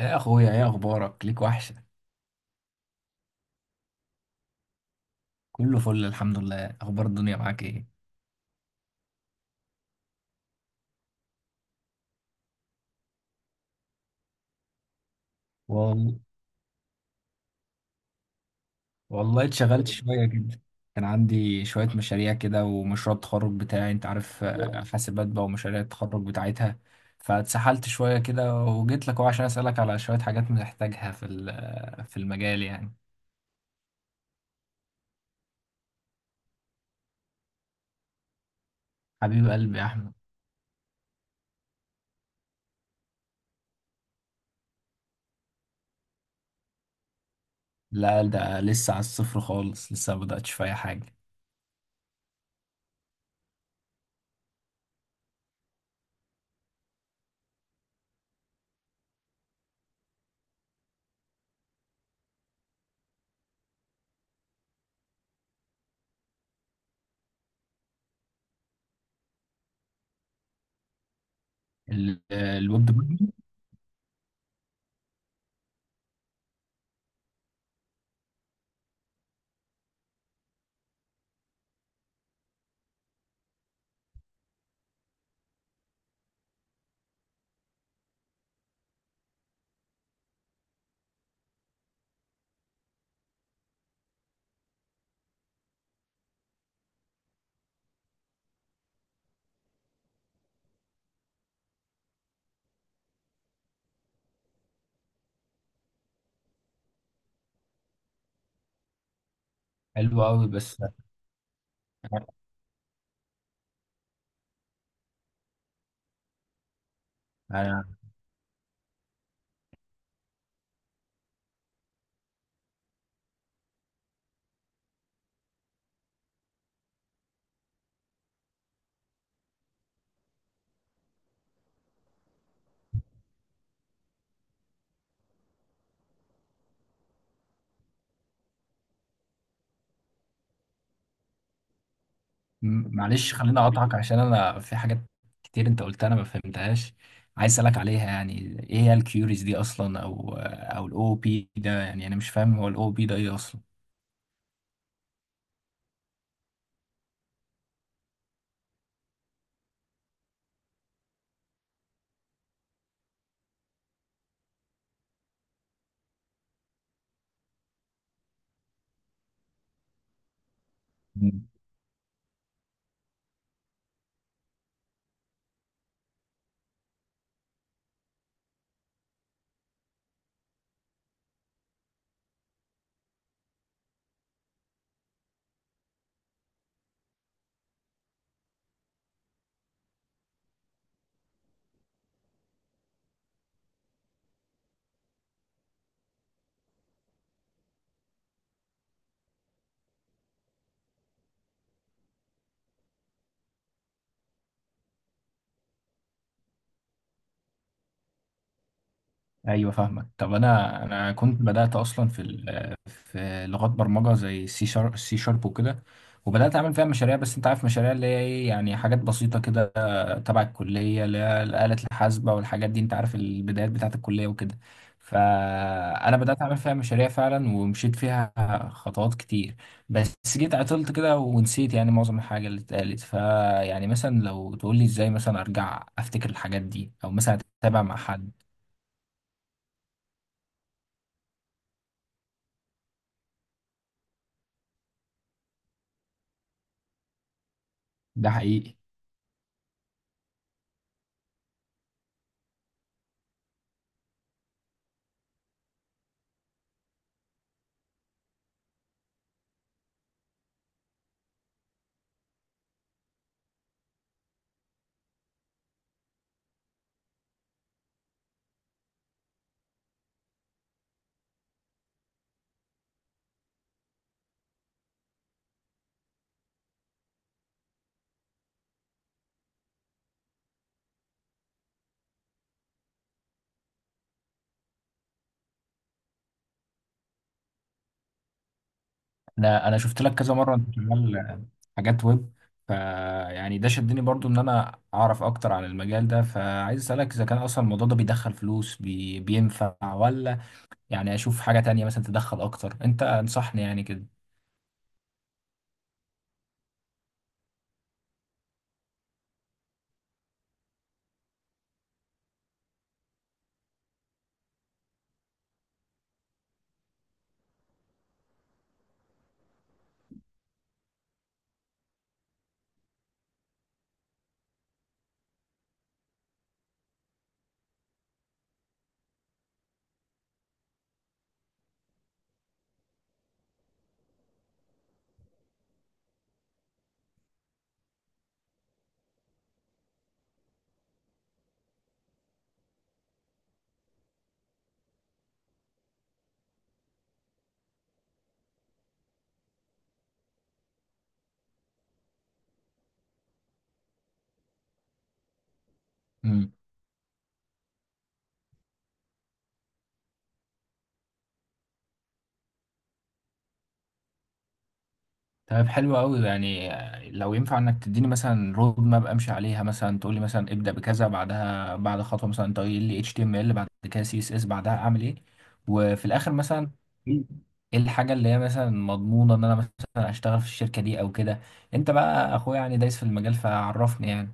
يا اخويا، ايه اخبارك؟ ليك وحشه. كله فل الحمد لله. اخبار الدنيا معاك ايه؟ والله اتشغلت شويه كده. كان عندي شويه مشاريع كده، ومشروع التخرج بتاعي انت عارف، حاسبات بقى ومشاريع التخرج بتاعتها. فاتسحلت شويه كده، وجيت لك أهو عشان اسالك على شويه حاجات محتاجها في المجال يعني. حبيب قلبي يا احمد. لا، ده لسه على الصفر خالص، لسه ما بداتش في اي حاجه. Web Development. حلو قوي، بس معلش خليني اقاطعك عشان انا في حاجات كتير انت قلتها انا ما فهمتهاش، عايز اسالك عليها. يعني ايه هي الكيوريز دي اصلا، او OOP ده؟ يعني انا مش فاهم هو OOP ده ايه اصلا. ايوه فاهمك. طب انا كنت بدات اصلا في لغات برمجه زي C#، وكده. وبدات اعمل فيها مشاريع، بس انت عارف مشاريع اللي هي ايه، يعني حاجات بسيطه كده تبع الكليه، اللي هي الاله الحاسبه والحاجات دي، انت عارف البدايات بتاعه الكليه وكده. فانا بدات اعمل فيها مشاريع فعلا، ومشيت فيها خطوات كتير. بس جيت عطلت كده ونسيت يعني معظم الحاجه اللي اتقالت. فيعني مثلا لو تقول لي ازاي مثلا ارجع افتكر الحاجات دي، او مثلا اتابع مع حد. ده حقيقي. انا شفت لك كذا مره انت شغال حاجات ويب، ف يعني ده شدني برضو ان انا اعرف اكتر عن المجال ده. فعايز اسالك اذا كان اصلا الموضوع ده بيدخل فلوس، بينفع ولا يعني اشوف حاجه تانية مثلا تدخل اكتر. انت انصحني يعني كده. طيب حلو قوي يعني، لو ينفع انك تديني مثلا Roadmap امشي عليها، مثلا تقول لي مثلا ابدا بكذا، بعدها بعد خطوه مثلا انت قايل لي HTML، بعد كده CSS، بعدها اعمل ايه. وفي الاخر مثلا ايه الحاجه اللي هي مثلا مضمونه ان انا مثلا اشتغل في الشركه دي او كده. انت بقى اخويا يعني دايس في المجال، فعرفني يعني.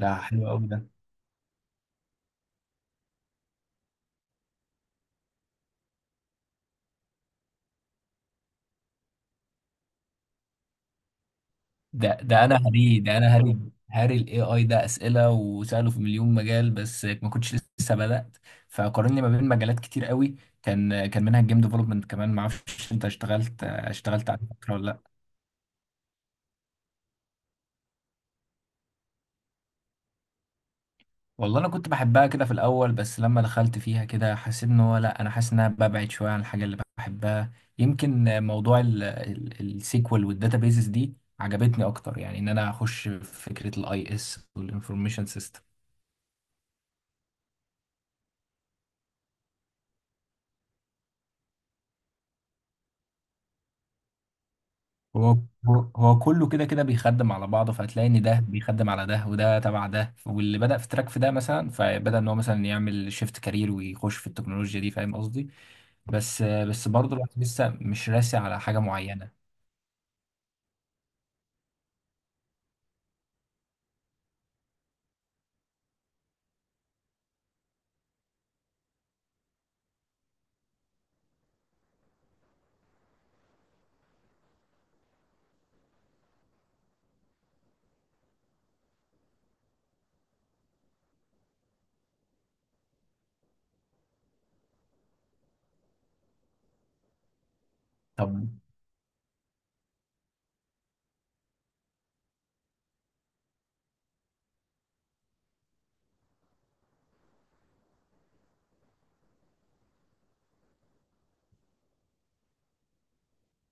ده حلو قوي ده. ده انا هري هاري AI ده اسئله وساله في مليون مجال، بس ما كنتش لسه بدات. فقارني ما بين مجالات كتير قوي، كان منها الجيم ديفلوبمنت كمان. ما اعرفش انت اشتغلت على فكره ولا لا؟ والله انا كنت بحبها كده في الاول، بس لما دخلت فيها كده حسيت ان هو لا، انا حاسس ان انا ببعد شويه عن الحاجه اللي بحبها. يمكن موضوع السيكوال والداتابيزز دي عجبتني اكتر، يعني ان انا اخش في فكره IS والانفورميشن سيستم. هو هو كله كده كده بيخدم على بعضه، فهتلاقي ان ده بيخدم على ده، وده تبع ده، واللي بدأ في تراك في ده مثلا فبدأ ان هو مثلا يعمل شيفت كارير ويخش في التكنولوجيا دي. فاهم قصدي؟ بس برضه الواحد لسه مش راسي على حاجة معينة. طب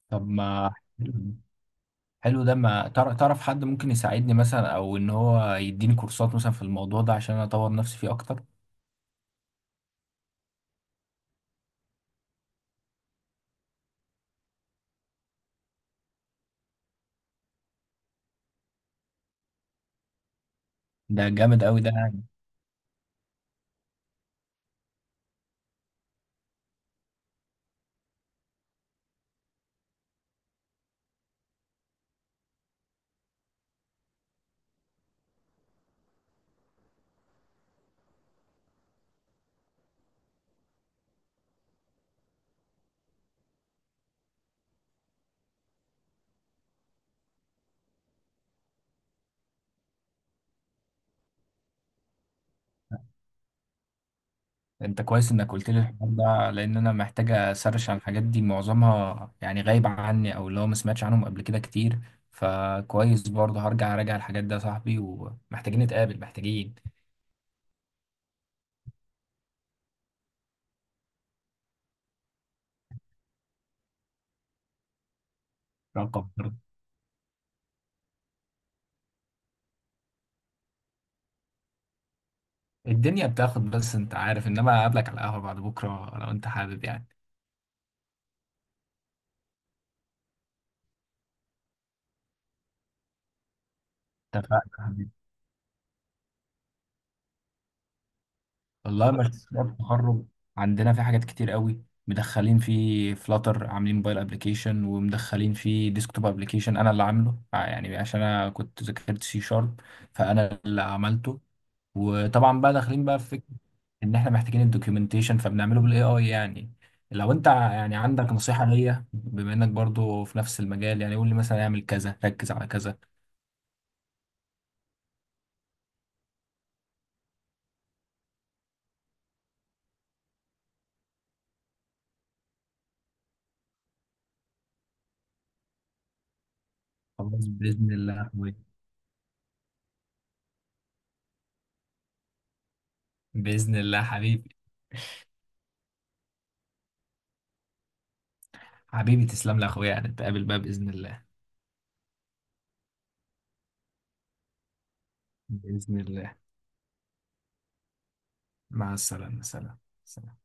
طب ما حلو ده. ما تعرف حد ممكن يساعدني مثلا، او ان هو يديني كورسات مثلا في الموضوع ده عشان اطور نفسي فيه اكتر؟ ده جامد قوي ده. انت كويس انك قلت لي الحوار ده، لان انا محتاج اسرش عن الحاجات دي، معظمها يعني غايب عني، او اللي هو ما سمعتش عنهم قبل كده كتير. فكويس برضه هرجع اراجع الحاجات ده يا صاحبي. ومحتاجين نتقابل، محتاجين رقم برضه. الدنيا بتاخد، بس انت عارف. انما اقابلك على القهوة بعد بكرة لو انت حابب يعني. اتفقنا. والله مشروع التخرج عندنا فيه حاجات كتير قوي، مدخلين فيه فلاتر، عاملين موبايل ابلكيشن، ومدخلين فيه ديسكتوب ابلكيشن انا اللي عامله، يعني عشان انا كنت ذاكرت C#، فانا اللي عملته. وطبعا بقى داخلين بقى في فكره ان احنا محتاجين الدوكيومنتيشن، فبنعمله بالاي اي يعني. لو انت يعني عندك نصيحه ليا، بما انك برضو في نفس المجال، يعني قول لي مثلا اعمل كذا، ركز على كذا. خلاص باذن الله يا اخويا. باذن الله حبيبي. حبيبي تسلم لي يا اخويا، يعني نتقابل بقى باذن الله. بإذن الله. مع السلامة. سلام. سلام.